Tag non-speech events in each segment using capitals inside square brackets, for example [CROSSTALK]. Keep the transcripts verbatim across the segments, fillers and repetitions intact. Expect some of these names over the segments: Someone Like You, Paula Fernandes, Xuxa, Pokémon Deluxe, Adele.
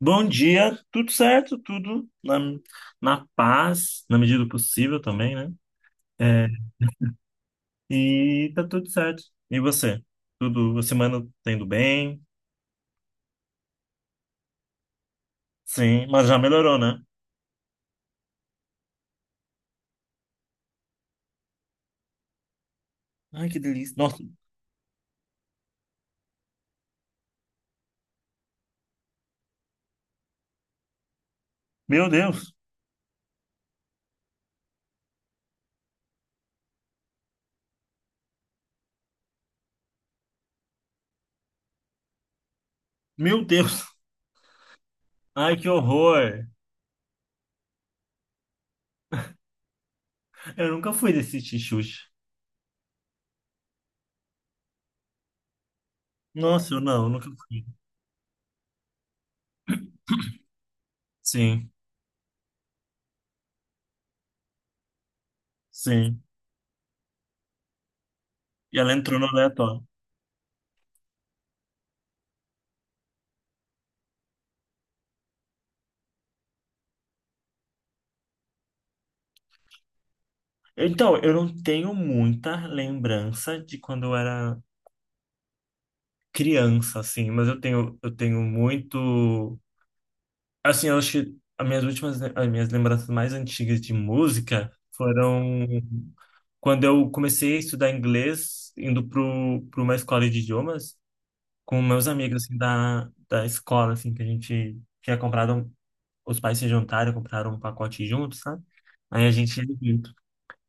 Bom dia, tudo certo, tudo na, na paz, na medida do possível também, né? É, e tá tudo certo. E você? Tudo, a semana tá indo bem? Sim, mas já melhorou, né? Ai, que delícia. Nossa, meu Deus, meu Deus. Ai, que horror. Eu nunca fui desse tixuxa. Nossa, eu não, eu nunca fui. Sim, sim. E ela entrou no aleatório. Então, eu não tenho muita lembrança de quando eu era criança, assim, mas eu tenho, eu tenho muito. Assim, eu acho que as minhas últimas, as minhas lembranças mais antigas de música foram quando eu comecei a estudar inglês, indo pro, pro uma escola de idiomas, com meus amigos, assim, da, da escola, assim, que a gente tinha comprado, um- os pais se juntaram, compraram um pacote junto, sabe? Aí a gente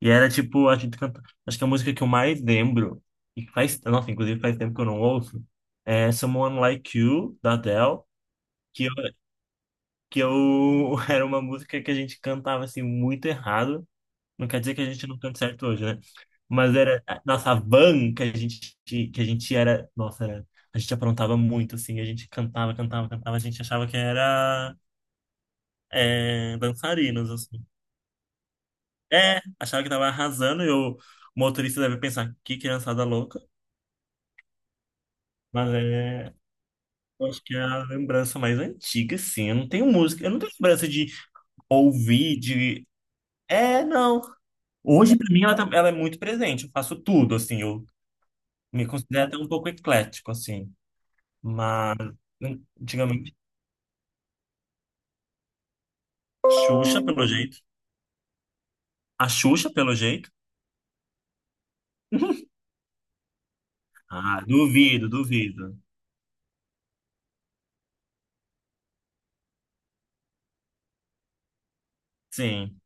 e era tipo, a gente canta- acho que a música que eu mais lembro, e que faz, nossa, inclusive faz tempo que eu não ouço, é Someone Like You, da Adele, que eu, que eu [LAUGHS] era uma música que a gente cantava assim muito errado. Não quer dizer que a gente não canta certo hoje, né? Mas era a nossa van que a gente que a gente era, nossa, era, a gente aprontava muito assim, a gente cantava, cantava, cantava, a gente achava que era é, dançarinos assim. É, achava que tava arrasando e o motorista deve pensar, que criançada louca. Mas é, eu acho que é a lembrança mais antiga, sim. Eu não tenho música, eu não tenho lembrança de ouvir, de. É, não. Hoje, pra mim, ela, tá- ela é muito presente. Eu faço tudo, assim. Eu me considero até um pouco eclético, assim. Mas, antigamente, Xuxa, pelo jeito. A Xuxa, pelo jeito. [LAUGHS] Ah, duvido, duvido. Sim,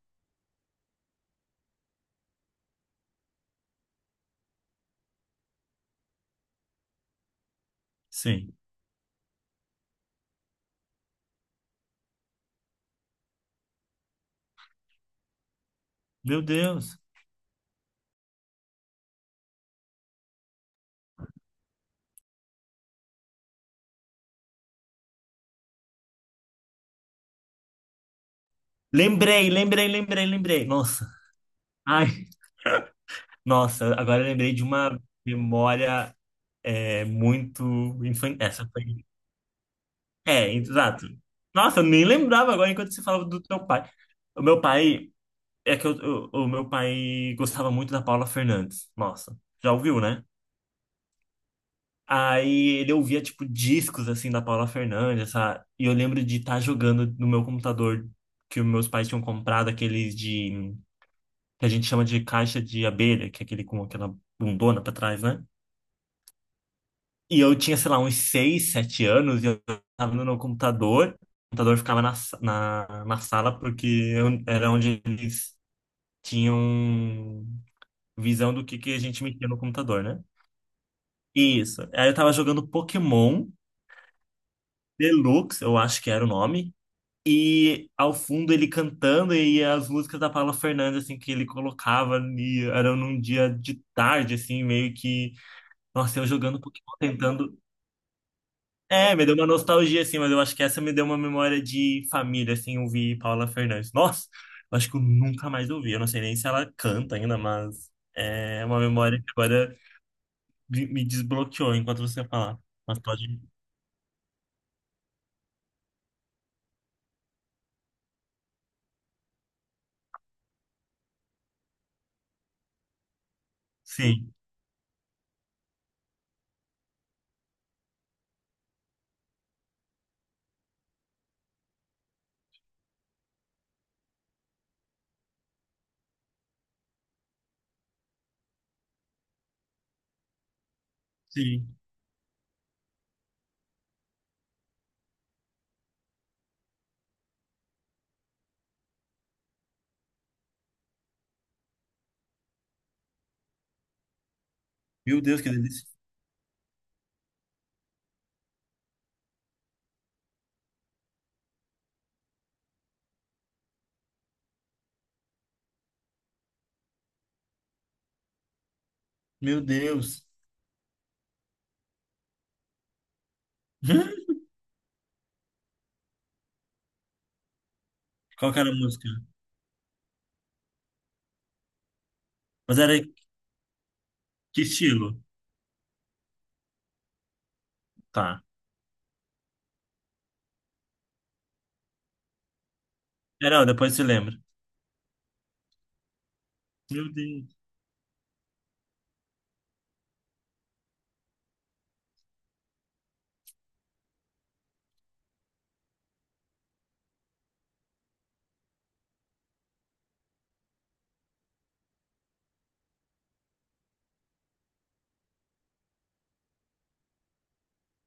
sim. Meu Deus. Lembrei, lembrei, lembrei, lembrei. Nossa. Ai, nossa, agora eu lembrei de uma memória é muito infantil. Essa foi. É, exato. Nossa, eu nem lembrava agora enquanto você falava do teu pai. O meu pai. É que eu, eu- o meu pai gostava muito da Paula Fernandes. Nossa, já ouviu, né? Aí ele ouvia, tipo, discos, assim, da Paula Fernandes, essa... e eu lembro de estar jogando no meu computador que os meus pais tinham comprado, aqueles de... que a gente chama de caixa de abelha, que é aquele com aquela bundona pra trás, né? E eu tinha, sei lá, uns seis, sete anos, e eu tava no meu computador. O computador ficava na, sa- na, na sala, porque eu- era onde eles tinham visão do que, que a gente metia no computador, né? Isso. Aí eu tava jogando Pokémon Deluxe, eu acho que era o nome. E ao fundo ele cantando e as músicas da Paula Fernandes, assim, que ele colocava, e era num dia de tarde, assim, meio que. Nossa, eu jogando Pokémon, tentando É, me deu uma nostalgia, assim, mas eu acho que essa me deu uma memória de família, assim, ouvir Paula Fernandes. Nossa, eu acho que eu nunca mais ouvi. Eu não sei nem se ela canta ainda, mas é uma memória que agora me me desbloqueou enquanto você falar. Mas pode. Sim, sim. Meu Deus, que delícia. Meu Deus. [LAUGHS] Qual que era a música? Mas era que estilo? Tá. É, não, depois se lembra. Meu Deus.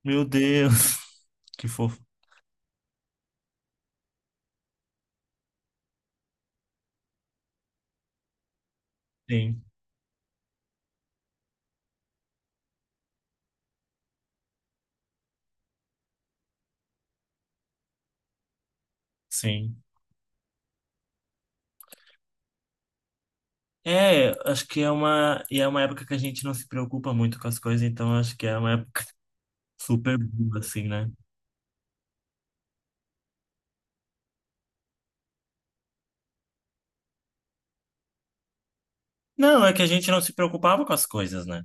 Meu Deus. [LAUGHS] Que fofo. Sim, sim. É, acho que é uma, e é uma época que a gente não se preocupa muito com as coisas, então acho que é uma época [LAUGHS] super boa, assim, né? Não, é que a gente não se preocupava com as coisas, né?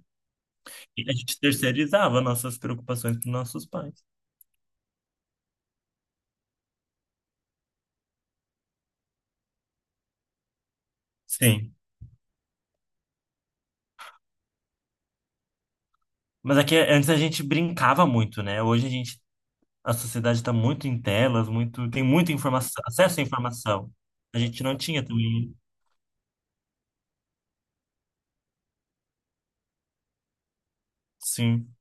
E a gente terceirizava nossas preocupações para nossos pais. Sim. Mas é que antes a gente brincava muito, né? Hoje a gente, a sociedade está muito em telas, muito, tem muita informação, acesso à informação. A gente não tinha também. Sim.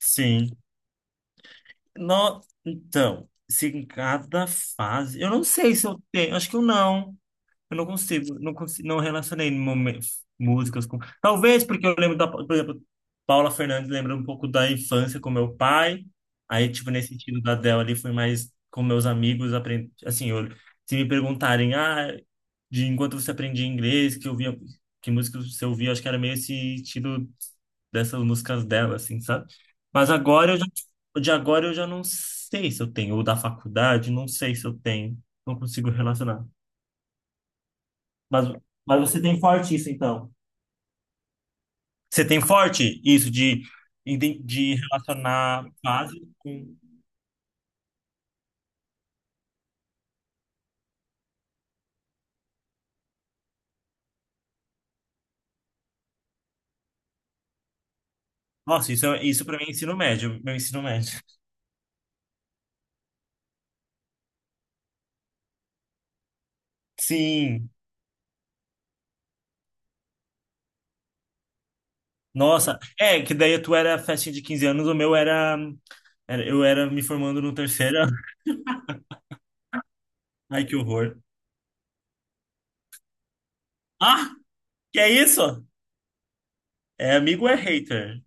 Sim. No, então, se em cada fase. Eu não sei se eu tenho. Acho que eu não. Eu não consigo, não consigo, não relacionei momen- músicas com. Talvez porque eu lembro da, por exemplo, Paula Fernandes lembra um pouco da infância com meu pai. Aí, tipo, nesse sentido da Adele ali foi mais com meus amigos, aprendi, assim, eu- se me perguntarem, ah, de enquanto você aprendia inglês, que eu via, que música você ouvia, acho que era meio esse estilo dessas músicas dela, assim, sabe? Mas agora eu já, de agora eu já não sei se eu tenho, ou da faculdade, não sei se eu tenho, não consigo relacionar. Mas, mas você tem forte isso, então. Você tem forte isso de, ide- de relacionar fase com. Nossa, isso, é- isso para mim é ensino médio, meu ensino médio. [LAUGHS] Sim, nossa. É, que daí tu era festinha de quinze anos, o meu era, era- Eu era me formando no terceiro. [LAUGHS] Ai, que horror. Ah, que é isso? É amigo ou é hater?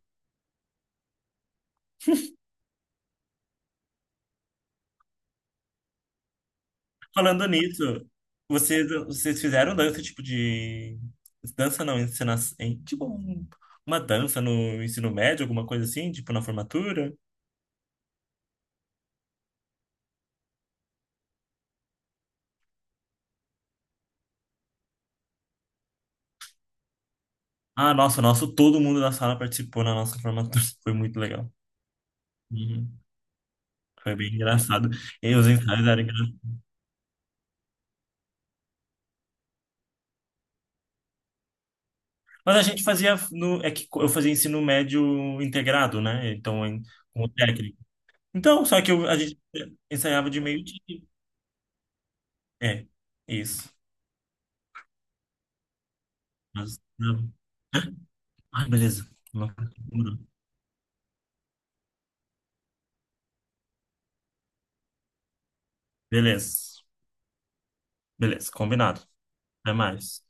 Falando nisso, vocês, vocês fizeram dança, tipo de... Dança não, encenação, tipo um- uma dança no ensino médio, alguma coisa assim, tipo na formatura? Ah, nossa, nosso, todo mundo da sala participou na nossa formatura, [LAUGHS] foi muito legal. Uhum. Foi bem engraçado. E os ensaios eram engraçados. Mas a gente fazia, no, é que eu fazia ensino médio integrado, né? Então, em, com o técnico. Então, só que eu- a gente ensaiava de meio-dia. É, isso. Mas, não. Ai, beleza. Não. Beleza. Beleza, combinado. Até mais.